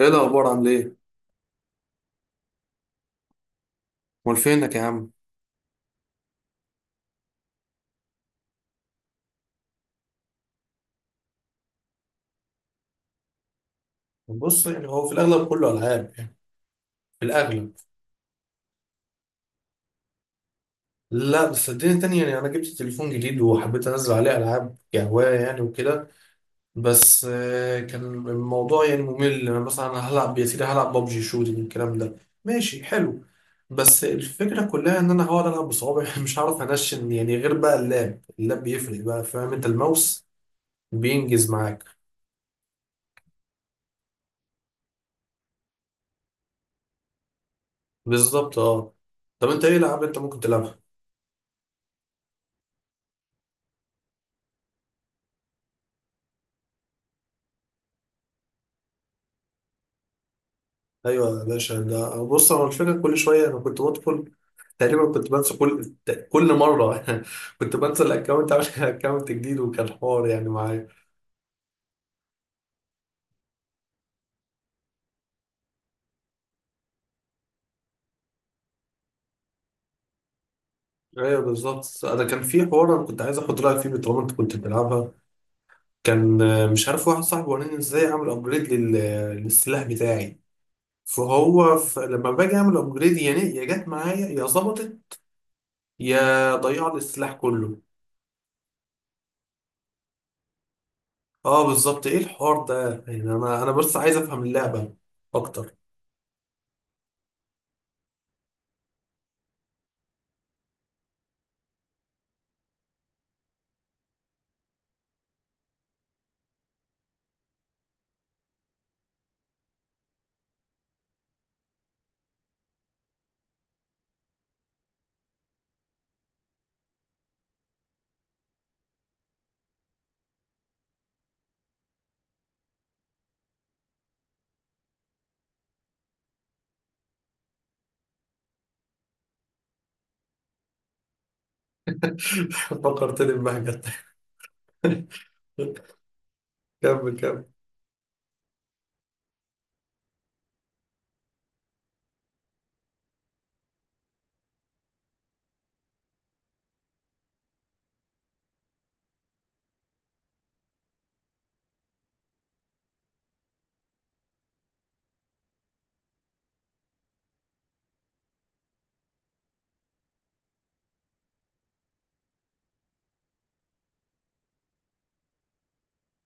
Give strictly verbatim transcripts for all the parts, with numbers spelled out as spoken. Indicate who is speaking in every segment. Speaker 1: ايه الاخبار، عامل ايه؟ امال فينك يا عم؟ بص، يعني هو في الأغلب كله ألعاب يعني. في الأغلب. لا بس صدقني تاني، يعني أنا جبت تليفون جديد وحبيت أنزل عليه ألعاب كهواية يعني وكده. بس آه، كان الموضوع يعني ممل. أنا مثلا أنا هلعب يا سيدي، هلعب ببجي شوتنج الكلام ده. ماشي حلو. بس الفكرة كلها إن أنا هقعد ألعب بصوابعي مش هعرف أنشن يعني، غير بقى اللاب اللاب بيفرق بقى، فاهم؟ أنت الماوس بينجز معاك. بالظبط، أه. طب أنت إيه ألعاب أنت ممكن تلعبها؟ ايوه يا باشا. ده بص هو الفكره كل شويه انا كنت بدخل، تقريبا كنت بنسى كل كل مره كنت بنسى الاكونت. عامل اكونت جديد، وكان حوار يعني معايا. ايوه بالظبط. انا كان في حوار انا كنت عايز اخد رايك فيه طالما انت كنت بتلعبها. كان آه، مش عارف، واحد صاحبي وراني ازاي اعمل ابجريد لل... للسلاح بتاعي. فهو ف... لما باجي اعمل ابجريد، يعني يا جت معايا يا ظبطت يا ضيع لي السلاح كله. اه بالظبط. ايه الحوار ده يعني؟ انا انا بس عايز افهم اللعبه اكتر. فكرتني ببهجة. كمل كمل.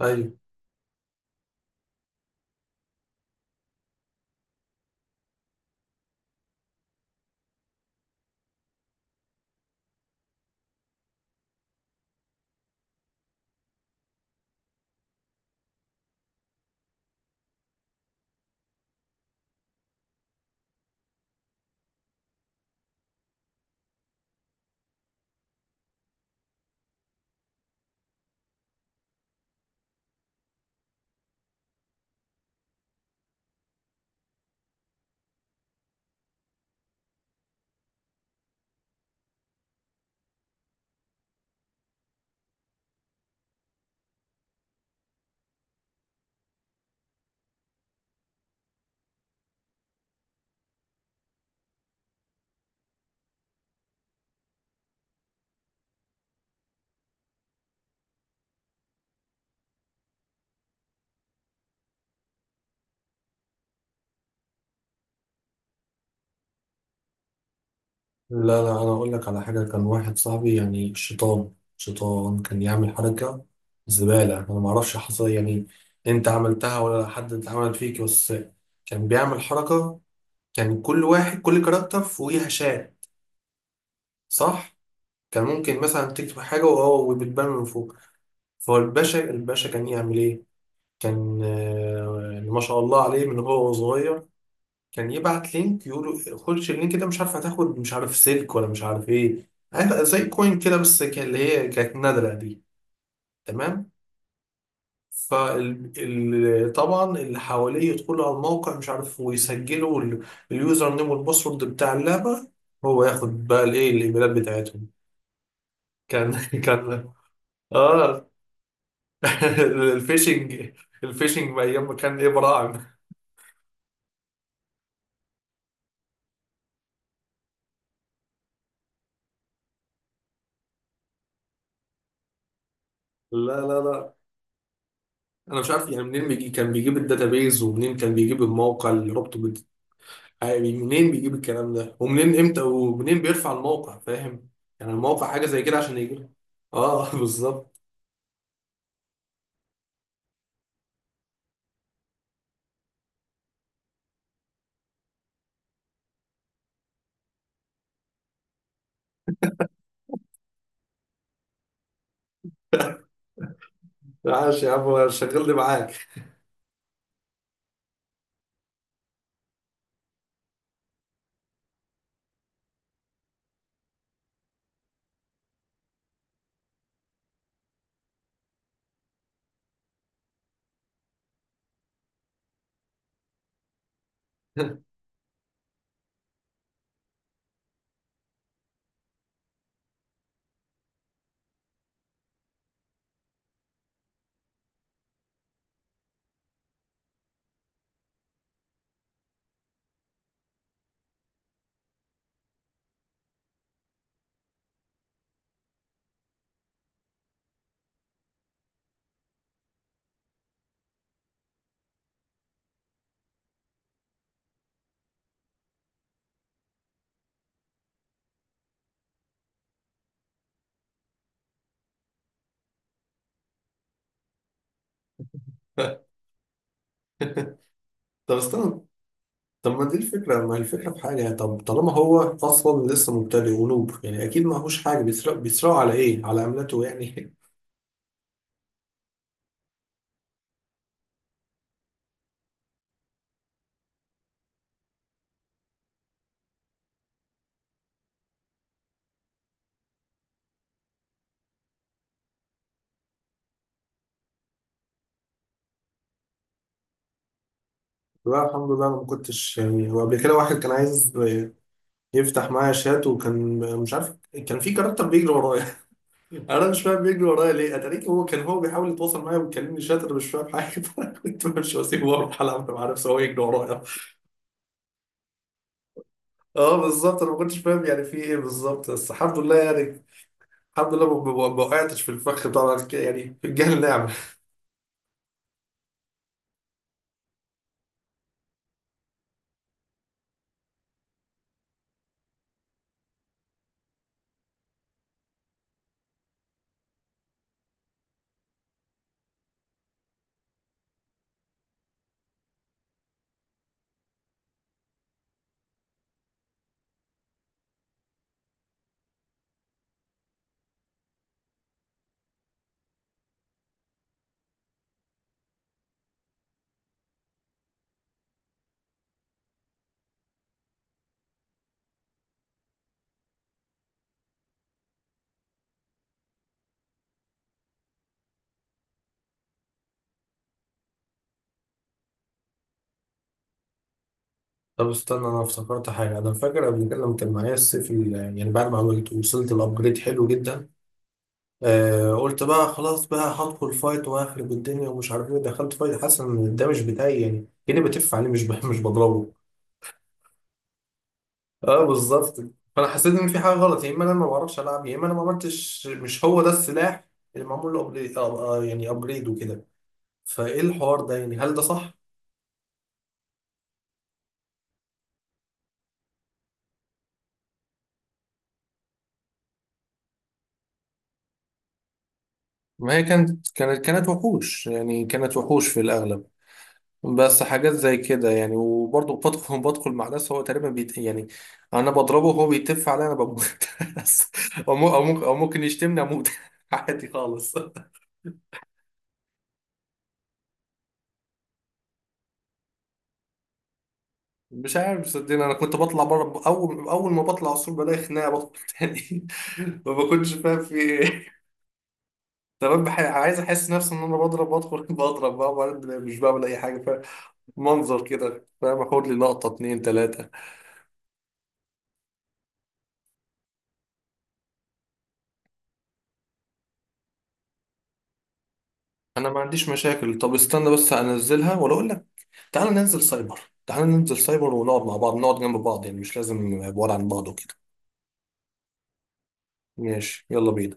Speaker 1: ايوه. لا لا، انا اقول لك على حاجه. كان واحد صاحبي يعني شيطان شيطان، كان يعمل حركه زباله، انا ما اعرفش حصل إيه يعني. انت عملتها ولا حد عملت فيك؟ بس كان بيعمل حركه. كان كل واحد، كل كاركتر فوقيها شاه، صح؟ كان ممكن مثلا تكتب حاجه وهو وبتبان من فوق. فالباشا، الباشا كان يعمل ايه؟ كان آه، ما شاء الله عليه من هو صغير، كان يبعت لينك، يقول خش اللينك ده، مش عارف هتاخد، مش عارف سلك، ولا مش عارف ايه. عارف زي كوين كده، بس كان اللي هي كانت نادرة دي. تمام. فطبعا اللي حواليه يدخلوا على الموقع مش عارف ويسجلوا ال- اليوزر نيم والباسورد بتاع اللعبة. هو ياخد بقى الايه، الايميلات بتاعتهم. كان كان. اه. الفيشنج، الفيشنج ايام ما كان ايه، براعم. لا لا لا، انا مش عارف يعني منين بيجي. كان بيجيب الداتابيز، ومنين كان بيجيب الموقع اللي ربطه؟ يعني منين بيجيب الكلام ده، ومنين، امتى، ومنين بيرفع الموقع، فاهم؟ يعني الموقع حاجه زي كده عشان يجي لك. اه بالظبط. عاش يا عم، شغلني معاك. طب استنى. طب ما دي الفكره، ما هي الفكره في حاجه. طب طالما هو اصلا لسه مبتدئ ونوب يعني، اكيد ما هوش حاجه. بيسرق، بيسرقوا على ايه، على عملته يعني؟ لا الحمد لله انا ما كنتش يعني. هو قبل كده واحد كان عايز يفتح معايا شات وكان مش عارف. كان في كاركتر بيجري ورايا، انا مش فاهم بيجري ورايا ليه. اتاريك هو كان، هو بيحاول يتواصل معايا وبيكلمني شاطر، مش فاهم حاجه فانا كنت مش، واسيبه واروح العب مع نفسي وهو يجري ورايا. اه بالظبط، انا ما كنتش فاهم يعني في ايه بالظبط، بس الحمد لله يعني. الحمد لله ما ما- ما وقعتش في الفخ بتاع بعد كده، يعني في الجهل نعمه. طب استنى، انا افتكرت حاجه. انا فاكر قبل كده لما كان معايا السيف ال- يعني بعد ما عملت، وصلت الابجريد حلو جدا. آه، قلت بقى خلاص بقى هدخل فايت وهخرب الدنيا ومش عارف ايه. دخلت فايت حاسس ان الدمج بتاعي يعني كاني بتف عليه، مش ب- مش بضربه. اه بالظبط. فانا حسيت ان في حاجه غلط، يا اما انا ما بعرفش العب، يا اما انا ما عملتش، مش هو ده السلاح اللي معمول له upgrade- آه، آه، يعني ابجريد وكده. فايه الحوار ده يعني، هل ده صح؟ ما هي كانت كانت كانت وحوش يعني، كانت وحوش في الأغلب. بس حاجات زي كده يعني، وبرضه بدخل بدخل مع ناس هو تقريبا بيت يعني. أنا بضربه وهو بيتف عليا، أنا بموت بس. أو مو- أو ممكن، أو ممكن يشتمني أموت عادي خالص. مش عارف صدقني. انا كنت بطلع بره، اول اول ما بطلع السور بلاقي خناقه، بدخل تاني ما بكونش فاهم في ايه. تمام. بح... عايز احس نفسي ان انا بضرب. بدخل بضرب بقى وبعدين مش بعمل اي حاجه، فمنظر كده فاهم. اخد لي لقطه اتنين تلاته. انا ما عنديش مشاكل. طب استنى بس، انزلها ولا اقول لك؟ تعالى ننزل سايبر. تعالى ننزل سايبر ونقعد مع بعض، نقعد جنب بعض، يعني مش لازم بعاد عن بعض وكده. ماشي يلا بينا.